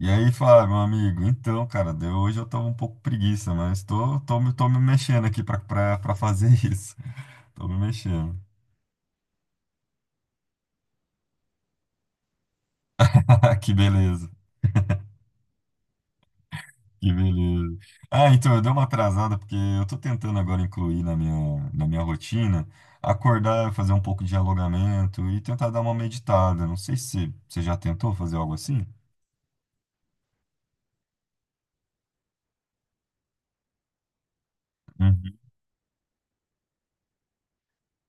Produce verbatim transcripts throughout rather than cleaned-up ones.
E aí, Flávio, meu amigo, então, cara, de- hoje eu tô um pouco preguiça, mas tô, tô, me- tô me mexendo aqui pra, pra, pra fazer isso. Tô me mexendo. Que beleza, que beleza. Ah, então, eu dei uma atrasada porque eu tô tentando agora incluir na minha, na minha rotina, acordar, fazer um pouco de alongamento e tentar dar uma meditada. Não sei se você já tentou fazer algo assim. Hum.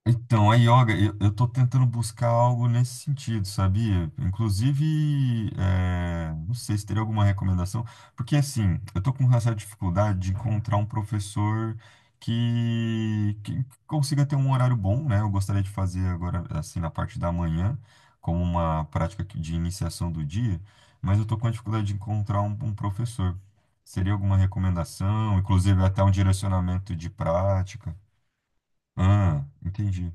Então, a yoga, eu, eu tô tentando buscar algo nesse sentido, sabia? Inclusive, eh, não sei se teria alguma recomendação, porque assim, eu tô com uma certa dificuldade de encontrar um professor que, que consiga ter um horário bom, né? Eu gostaria de fazer agora, assim, na parte da manhã, como uma prática que- de iniciação do dia, mas eu tô com a dificuldade de encontrar um, um professor. Seria alguma recomendação, inclusive até um direcionamento de prática? Ah, entendi.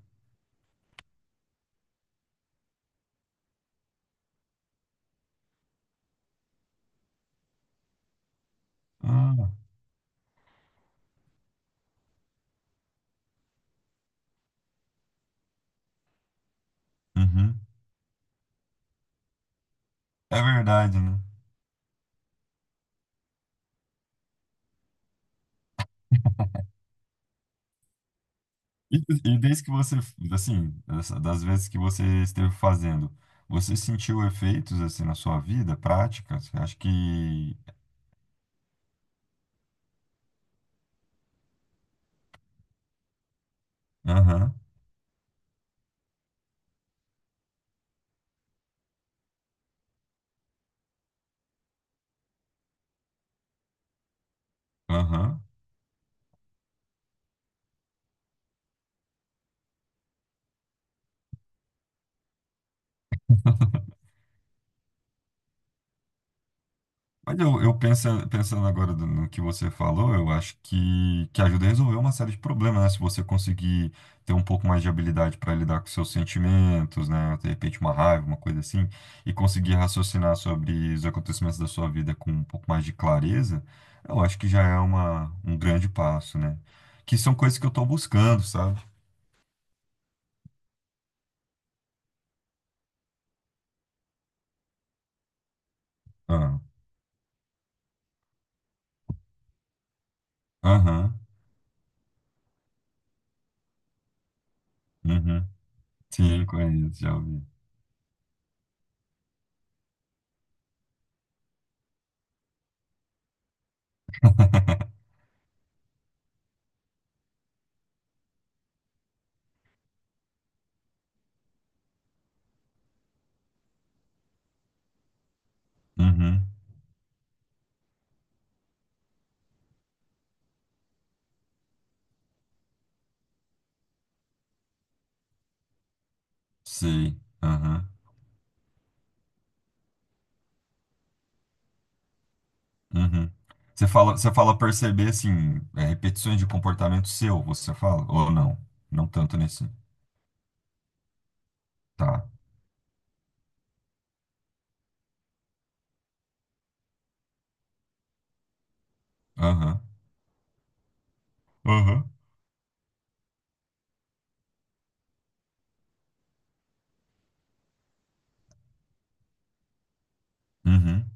Ah, uhum. É verdade, né? E, e desde que você, assim, dessa- das vezes que você esteve fazendo, você sentiu efeitos, assim, na sua vida prática? Você acha que... Aham, aham. Mas eu, eu pensa- pensando agora do- no que você falou, eu acho que, que ajuda a resolver uma série de problemas, né? Se você conseguir ter um pouco mais de habilidade para lidar com seus sentimentos, né? De repente uma raiva, uma coisa assim, e conseguir raciocinar sobre os acontecimentos da sua vida com um pouco mais de clareza, eu acho que já é uma, um grande passo, né? Que são coisas que eu estou buscando, sabe? Ah, aham, uhum, sim, conheço, já ouvi. Uhum, sei, aham. Uhum. Você fala, você fala perceber, assim, é, repetições de comportamento seu, você fala? Ou não? Não tanto nesse. Tá. Aham. Aham. Uhum.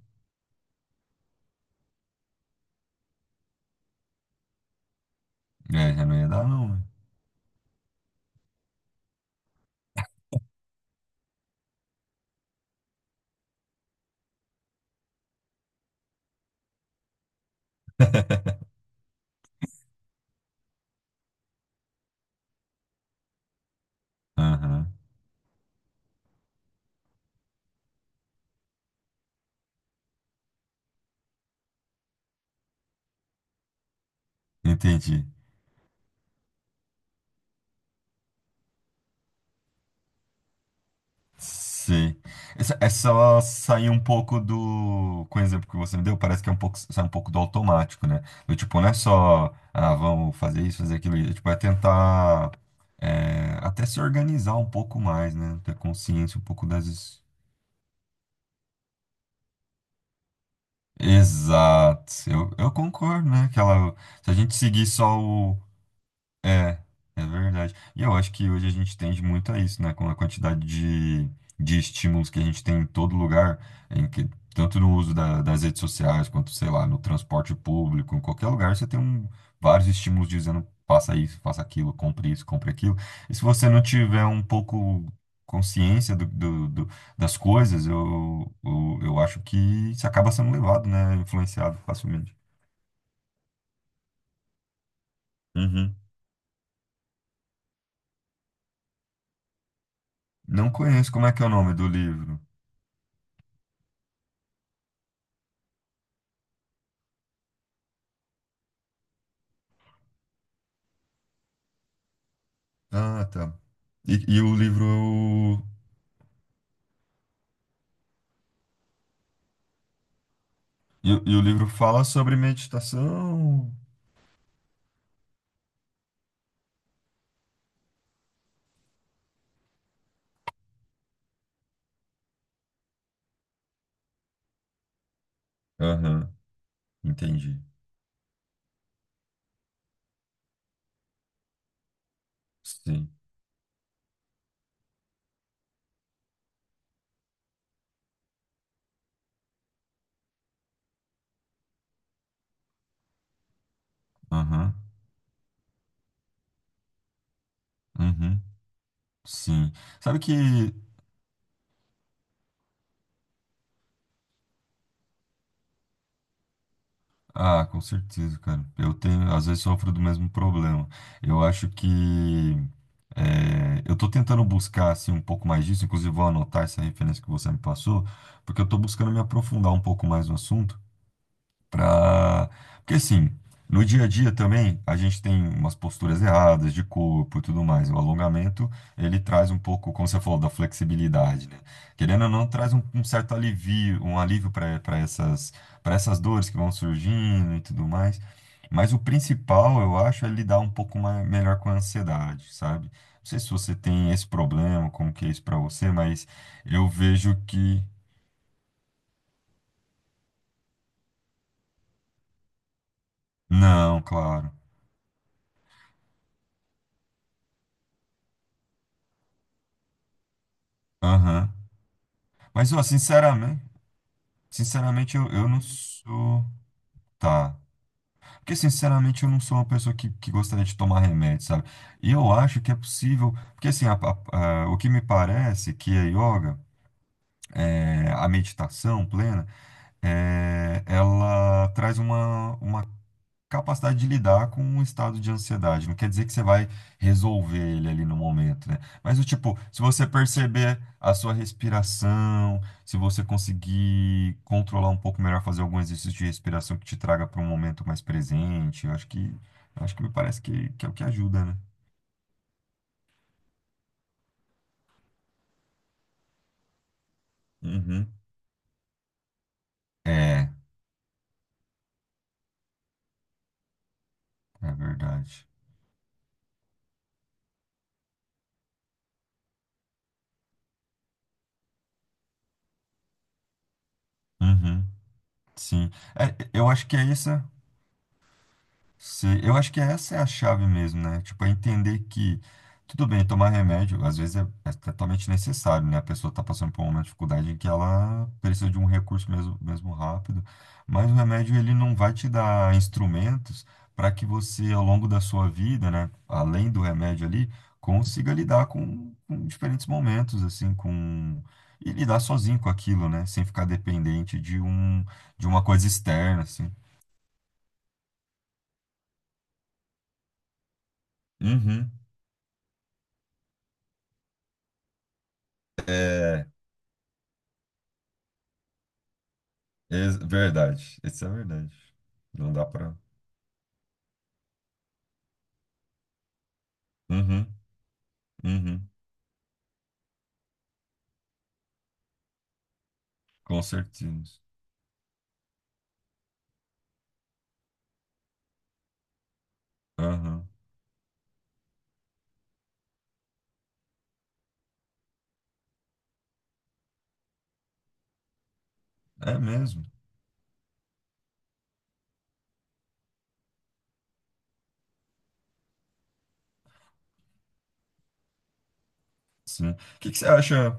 É, já não ia dar, não, né? Aham. Entendi. Sei. Essa, essa sair um pouco do. Com o exemplo que você me deu, parece que é um pouco, sai um pouco do automático, né? Do tipo, não é só, ah, vamos fazer isso, fazer aquilo. é, Tipo, é tentar. É, até se organizar um pouco mais, né? Ter consciência um pouco das... Exato. Eu, eu concordo, né? Que ela, se a gente seguir só o, é, é verdade. E eu acho que hoje a gente tende muito a isso, né? Com a quantidade de, de estímulos que a gente tem em todo lugar, em que, tanto no uso da- das redes sociais, quanto, sei lá, no transporte público, em qualquer lugar, você tem um- vários estímulos dizendo faça isso, faça aquilo, compre isso, compre aquilo. E se você não tiver um pouco consciência do, do- do- das coisas, eu, eu, eu acho que você acaba sendo levado, né? Influenciado facilmente. Uhum. Não conheço como é que é o nome do livro. Ah, tá. E, e o livro. E, o e o livro fala sobre meditação. Aham, entendi. Sim. Aham, uhum, sim. Sabe que. Ah, com certeza, cara. Eu tenho, às vezes, sofro do mesmo problema. Eu acho que... é, eu tô tentando buscar, assim, um pouco mais disso. Inclusive, vou anotar essa referência que você me passou, porque eu tô buscando me aprofundar um pouco mais no assunto. Pra... Porque assim, no dia a dia também a gente tem umas posturas erradas de corpo e tudo mais. O alongamento, ele traz um pouco, como você falou, da flexibilidade, né? Querendo ou não, traz um, um certo alivio, um alívio para para essas, para essas dores que vão surgindo e tudo mais. Mas o principal, eu acho, é lidar um pouco mais, melhor com a ansiedade, sabe? Não sei se você tem esse problema, como que é isso para você, mas eu vejo que... Não, claro. Aham. Mas, ó, sinceramente... Sinceramente, eu, eu não sou. Tá. Porque, sinceramente, eu não sou uma pessoa que, que gostaria de tomar remédio, sabe? E eu acho que é possível. Porque, assim, a- a- a- o que me parece que a yoga, é, a meditação plena, é, ela traz uma, uma capacidade de lidar com um estado de ansiedade. Não quer dizer que você vai resolver ele ali no momento, né? Mas o tipo, se você perceber a sua respiração, se você conseguir controlar um pouco melhor, fazer algum exercício de respiração que te traga para um momento mais presente, eu acho que eu acho que me parece que, que é o que ajuda, né? Uhum. É, é verdade. Uhum. Sim. É, eu acho que é isso. Sim, eu acho que essa é a chave mesmo, né? Tipo, é entender que, tudo bem, tomar remédio, às vezes é, é totalmente necessário, né? A pessoa está passando por uma dificuldade em que ela precisa de um recurso mesmo, mesmo rápido, mas o remédio, ele não vai te dar instrumentos para que você, ao longo da sua vida, né? Além do remédio ali, consiga lidar com, com diferentes momentos, assim, com... E lidar sozinho com aquilo, né? Sem ficar dependente de um, de uma coisa externa, assim. Uhum. Ex- verdade. Isso é verdade. Não dá pra. Uhum, uhum, com certeza. Aham. É mesmo. Sim. O que que você acha?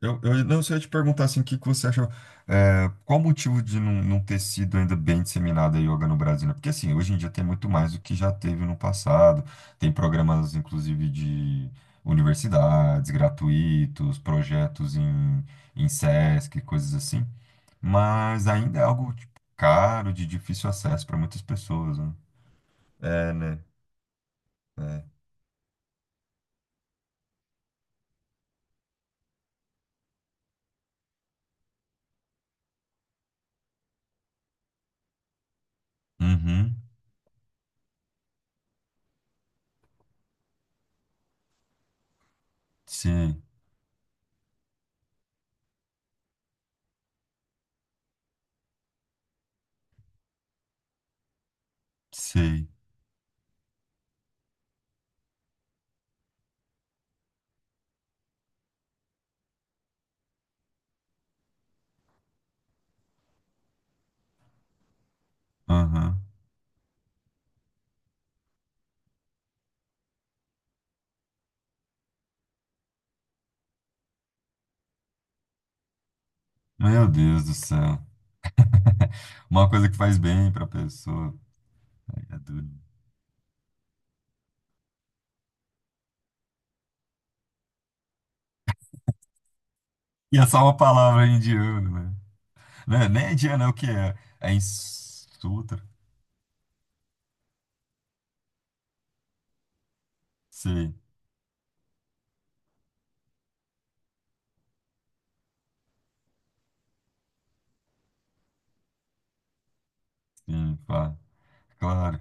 Eu, eu não sei te perguntar assim, o que que você achou? é, qual o motivo de não, não ter sido ainda bem disseminada a yoga no Brasil? Né? Porque assim, hoje em dia tem muito mais do que já teve no passado. Tem programas, inclusive, de universidades gratuitos, projetos em, em SESC, coisas assim. Mas ainda é algo tipo, caro, de difícil acesso para muitas pessoas, né? É, né? É. Uhum. Sei, sei. Aham. Meu Deus do céu. Uma coisa que faz bem para pessoa. É duro. E é só uma palavra em indiano, né? Né, nem é indiano, é o que é? É em sutra. Sei, sim, pá. Claro.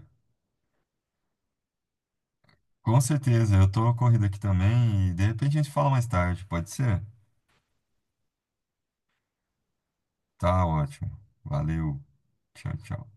Com certeza, eu tô corrido aqui também e de repente a gente fala mais tarde, pode ser? Tá ótimo. Valeu. Tchau, tchau.